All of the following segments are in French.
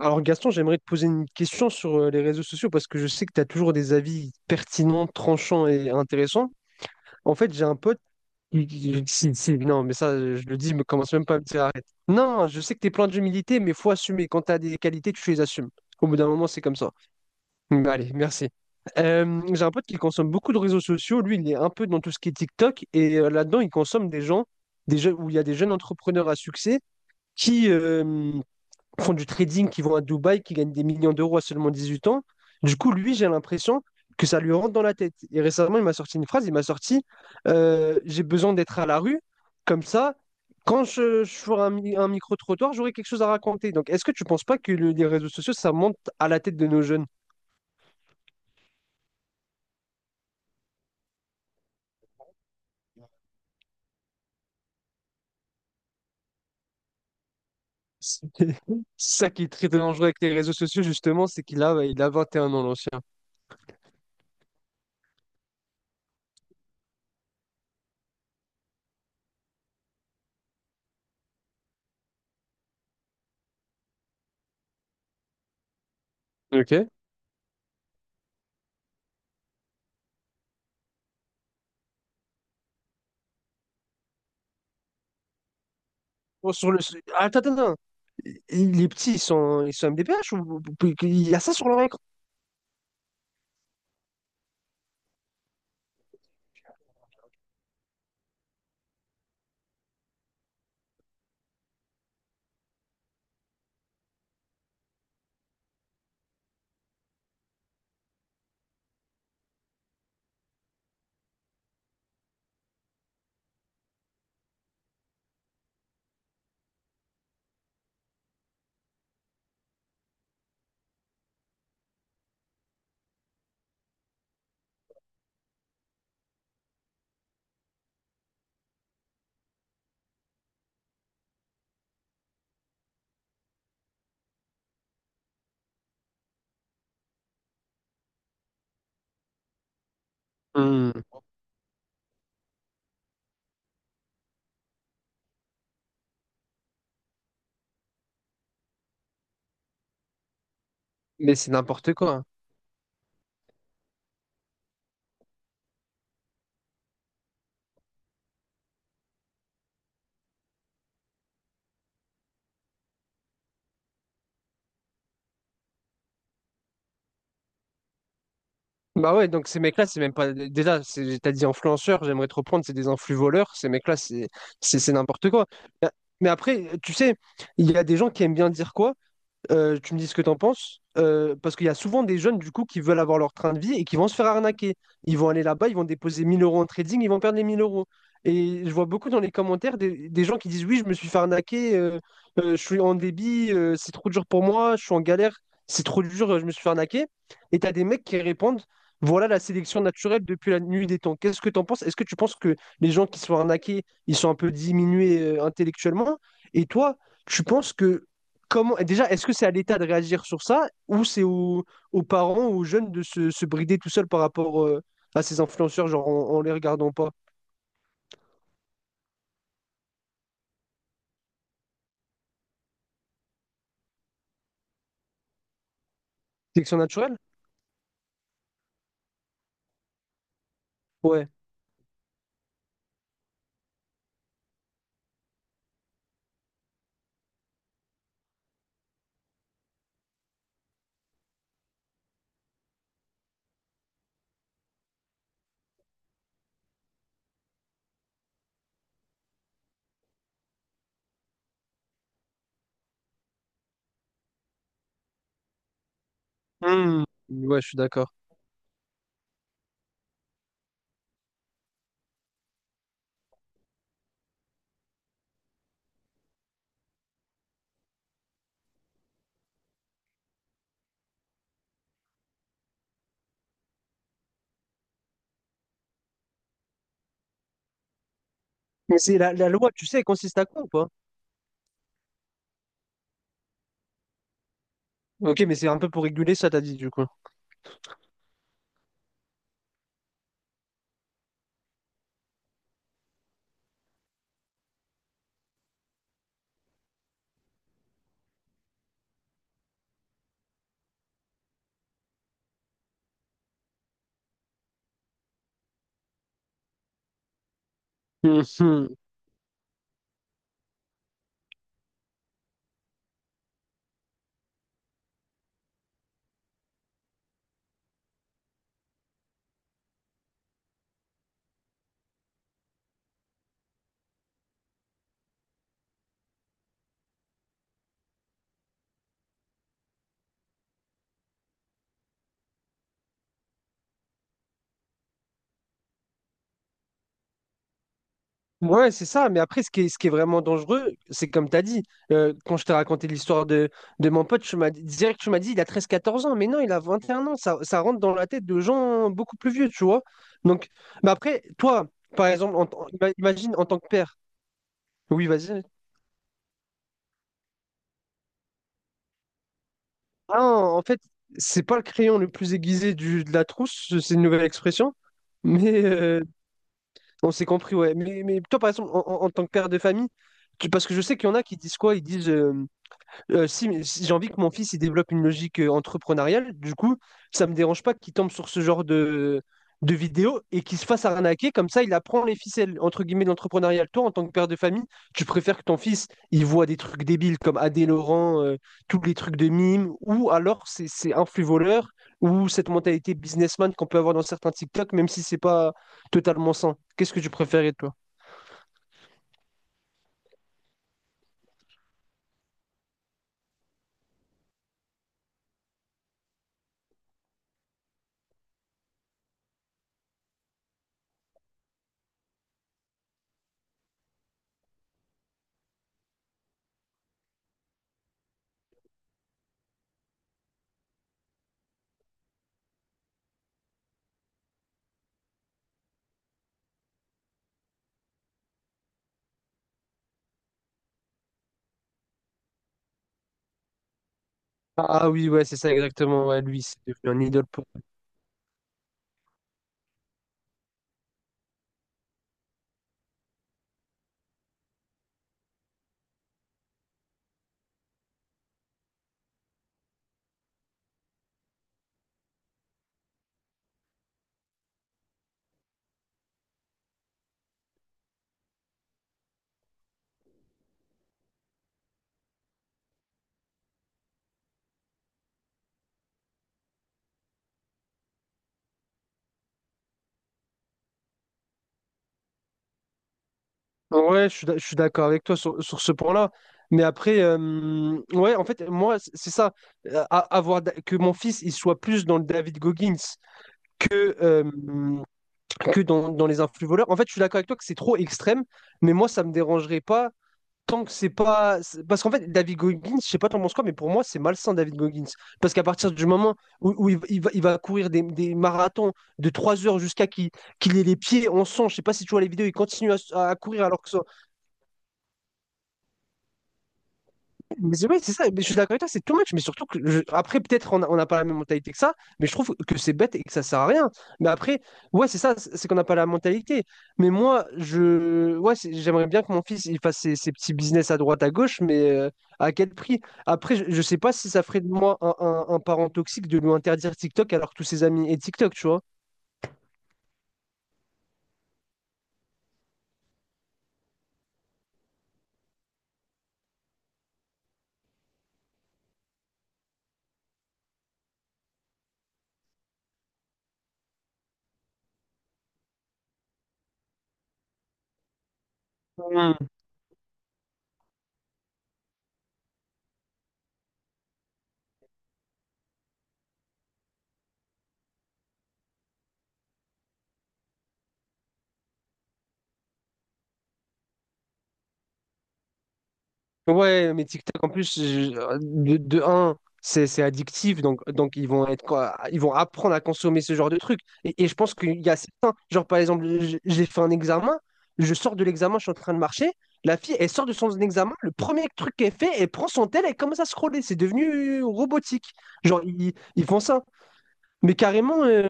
Alors Gaston, j'aimerais te poser une question sur les réseaux sociaux parce que je sais que tu as toujours des avis pertinents, tranchants et intéressants. En fait, j'ai un pote qui- si, si, non, mais ça, je le dis, mais commence même pas à me dire arrête. Non, je sais que tu es plein d'humilité, mais faut assumer. Quand tu as des qualités, tu les assumes. Au bout d'un moment, c'est comme ça. Mais allez, merci. J'ai un pote qui consomme beaucoup de réseaux sociaux. Lui, il est un peu dans tout ce qui est TikTok et là-dedans, il consomme des gens, des jeux, où il y a des jeunes entrepreneurs à succès qui, font du trading, qui vont à Dubaï, qui gagnent des millions d'euros à seulement 18 ans. Du coup, lui, j'ai l'impression que ça lui rentre dans la tête. Et récemment, il m'a sorti une phrase, il m'a sorti j'ai besoin d'être à la rue, comme ça, quand je ferai un micro-trottoir, j'aurai quelque chose à raconter. Donc, est-ce que tu ne penses pas que les réseaux sociaux, ça monte à la tête de nos jeunes? C'est ça qui est très dangereux avec les réseaux sociaux, justement, c'est il a 21 ans, l'ancien. Ok. Bon, sur le... Attends, attends, attends. Les petits, ils sont MDPH ou... Il y a ça sur leur. Hmm, mais c'est n'importe quoi. Bah ouais, donc ces mecs-là, c'est même pas. Déjà, t'as dit influenceurs, j'aimerais te reprendre, c'est des influ-voleurs. Ces mecs-là, c'est c'est n'importe quoi. Mais mais après, tu sais, il y a des gens qui aiment bien dire quoi? Tu me dis ce que t'en penses. Parce qu'il y a souvent des jeunes du coup qui veulent avoir leur train de vie et qui vont se faire arnaquer. Ils vont aller là-bas, ils vont déposer 1000 euros en trading, ils vont perdre les 1000 euros. Et je vois beaucoup dans les commentaires des gens qui disent oui, je me suis fait arnaquer, je suis en débit, c'est trop dur pour moi, je suis en galère, c'est trop dur, je me suis fait arnaquer. Et t'as des mecs qui répondent, voilà la sélection naturelle depuis la nuit des temps. Qu'est-ce que t'en penses? Est-ce que tu penses que les gens qui sont arnaqués, ils sont un peu diminués intellectuellement? Et toi, tu penses que comment, déjà, est-ce que c'est à l'État de réagir sur ça ou c'est aux, aux parents ou aux jeunes de se brider tout seul par rapport à ces influenceurs, genre en les regardant pas? Sélection naturelle? Ouais. Hmm. Ouais, je suis d'accord. Mais c'est la loi, tu sais, elle consiste à quoi ou pas? Ok, mais c'est un peu pour réguler ça, t'as dit du coup. Mhm. Ouais, c'est ça. Mais après, ce qui est vraiment dangereux, c'est comme tu as dit, quand je t'ai raconté l'histoire de mon pote, tu m'as dit, direct, tu m'as dit, il a treize quatorze ans. Mais non, il a 21 ans. Ça rentre dans la tête de gens beaucoup plus vieux, tu vois. Donc, mais après, toi, par exemple, imagine en tant que père. Oui, vas-y. Ah, en fait, c'est pas le crayon le plus aiguisé de la trousse, c'est une nouvelle expression. Mais on s'est compris, ouais. Mais toi, par exemple, en tant que père de famille, tu- parce que je sais qu'il y en a qui disent quoi? Ils disent. Si, mais si j'ai envie que mon fils il développe une logique entrepreneuriale, du coup, ça me dérange pas qu'il tombe sur ce genre de vidéo et qu'il se fasse arnaquer. Comme ça, il apprend les ficelles, entre guillemets, d'entrepreneurial. Toi, en tant que père de famille, tu préfères que ton fils il voit des trucs débiles comme Adé Laurent, tous les trucs de mime, ou alors c'est un flux voleur, ou cette mentalité businessman qu'on peut avoir dans certains TikTok, même si c'est pas totalement sain. Qu'est-ce que tu préférais, toi? Ah oui, ouais, c'est ça exactement. Ouais, lui, c'est devenu un idole pour. Ouais, je suis d'accord avec toi sur ce point-là. Mais après, ouais, en fait, moi, c'est ça. Avoir que mon fils, il soit plus dans le David Goggins que, dans, dans les influx voleurs. En fait, je suis d'accord avec toi que c'est trop extrême, mais moi, ça me dérangerait pas tant que c'est pas. C'est- parce qu'en fait, David Goggins, je sais pas t'en penses quoi, mais pour moi, c'est malsain, David Goggins. Parce qu'à partir du moment où, où il, va, il va- il va courir des marathons de 3 heures jusqu'à qu'il ait les pieds en sang, je sais pas si tu vois les vidéos, il continue à courir alors que ça. Mais ouais, c'est ça, mais je suis d'accord avec toi, c'est too much, mais surtout que après, peut-être on n'a pas la même mentalité que ça, mais je trouve que c'est bête et que ça sert à rien. Mais après, ouais, c'est ça, c'est qu'on n'a pas la mentalité. Mais moi, je ouais, j'aimerais bien que mon fils il fasse ses petits business à droite, à gauche, mais à quel prix? Après, je sais pas si ça ferait de moi un parent toxique de lui interdire TikTok alors que tous ses amis et TikTok, tu vois. Ouais, mais TikTok en plus de un, c'est addictif donc ils vont être quoi, ils vont apprendre à consommer ce genre de trucs. Et je pense qu'il y a certains, genre par exemple, j'ai fait un examen, je sors de l'examen, je suis en train de marcher, la fille elle sort de son examen, le premier truc qu'elle fait, elle prend son tel, elle commence à scroller, c'est devenu robotique. Genre ils font ça, mais carrément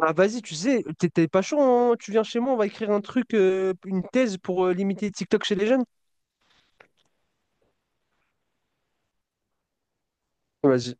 ah, vas-y, tu sais, t'es pas chaud, hein, tu viens chez moi, on va écrire un truc, une thèse pour limiter TikTok chez les jeunes. Vas-y.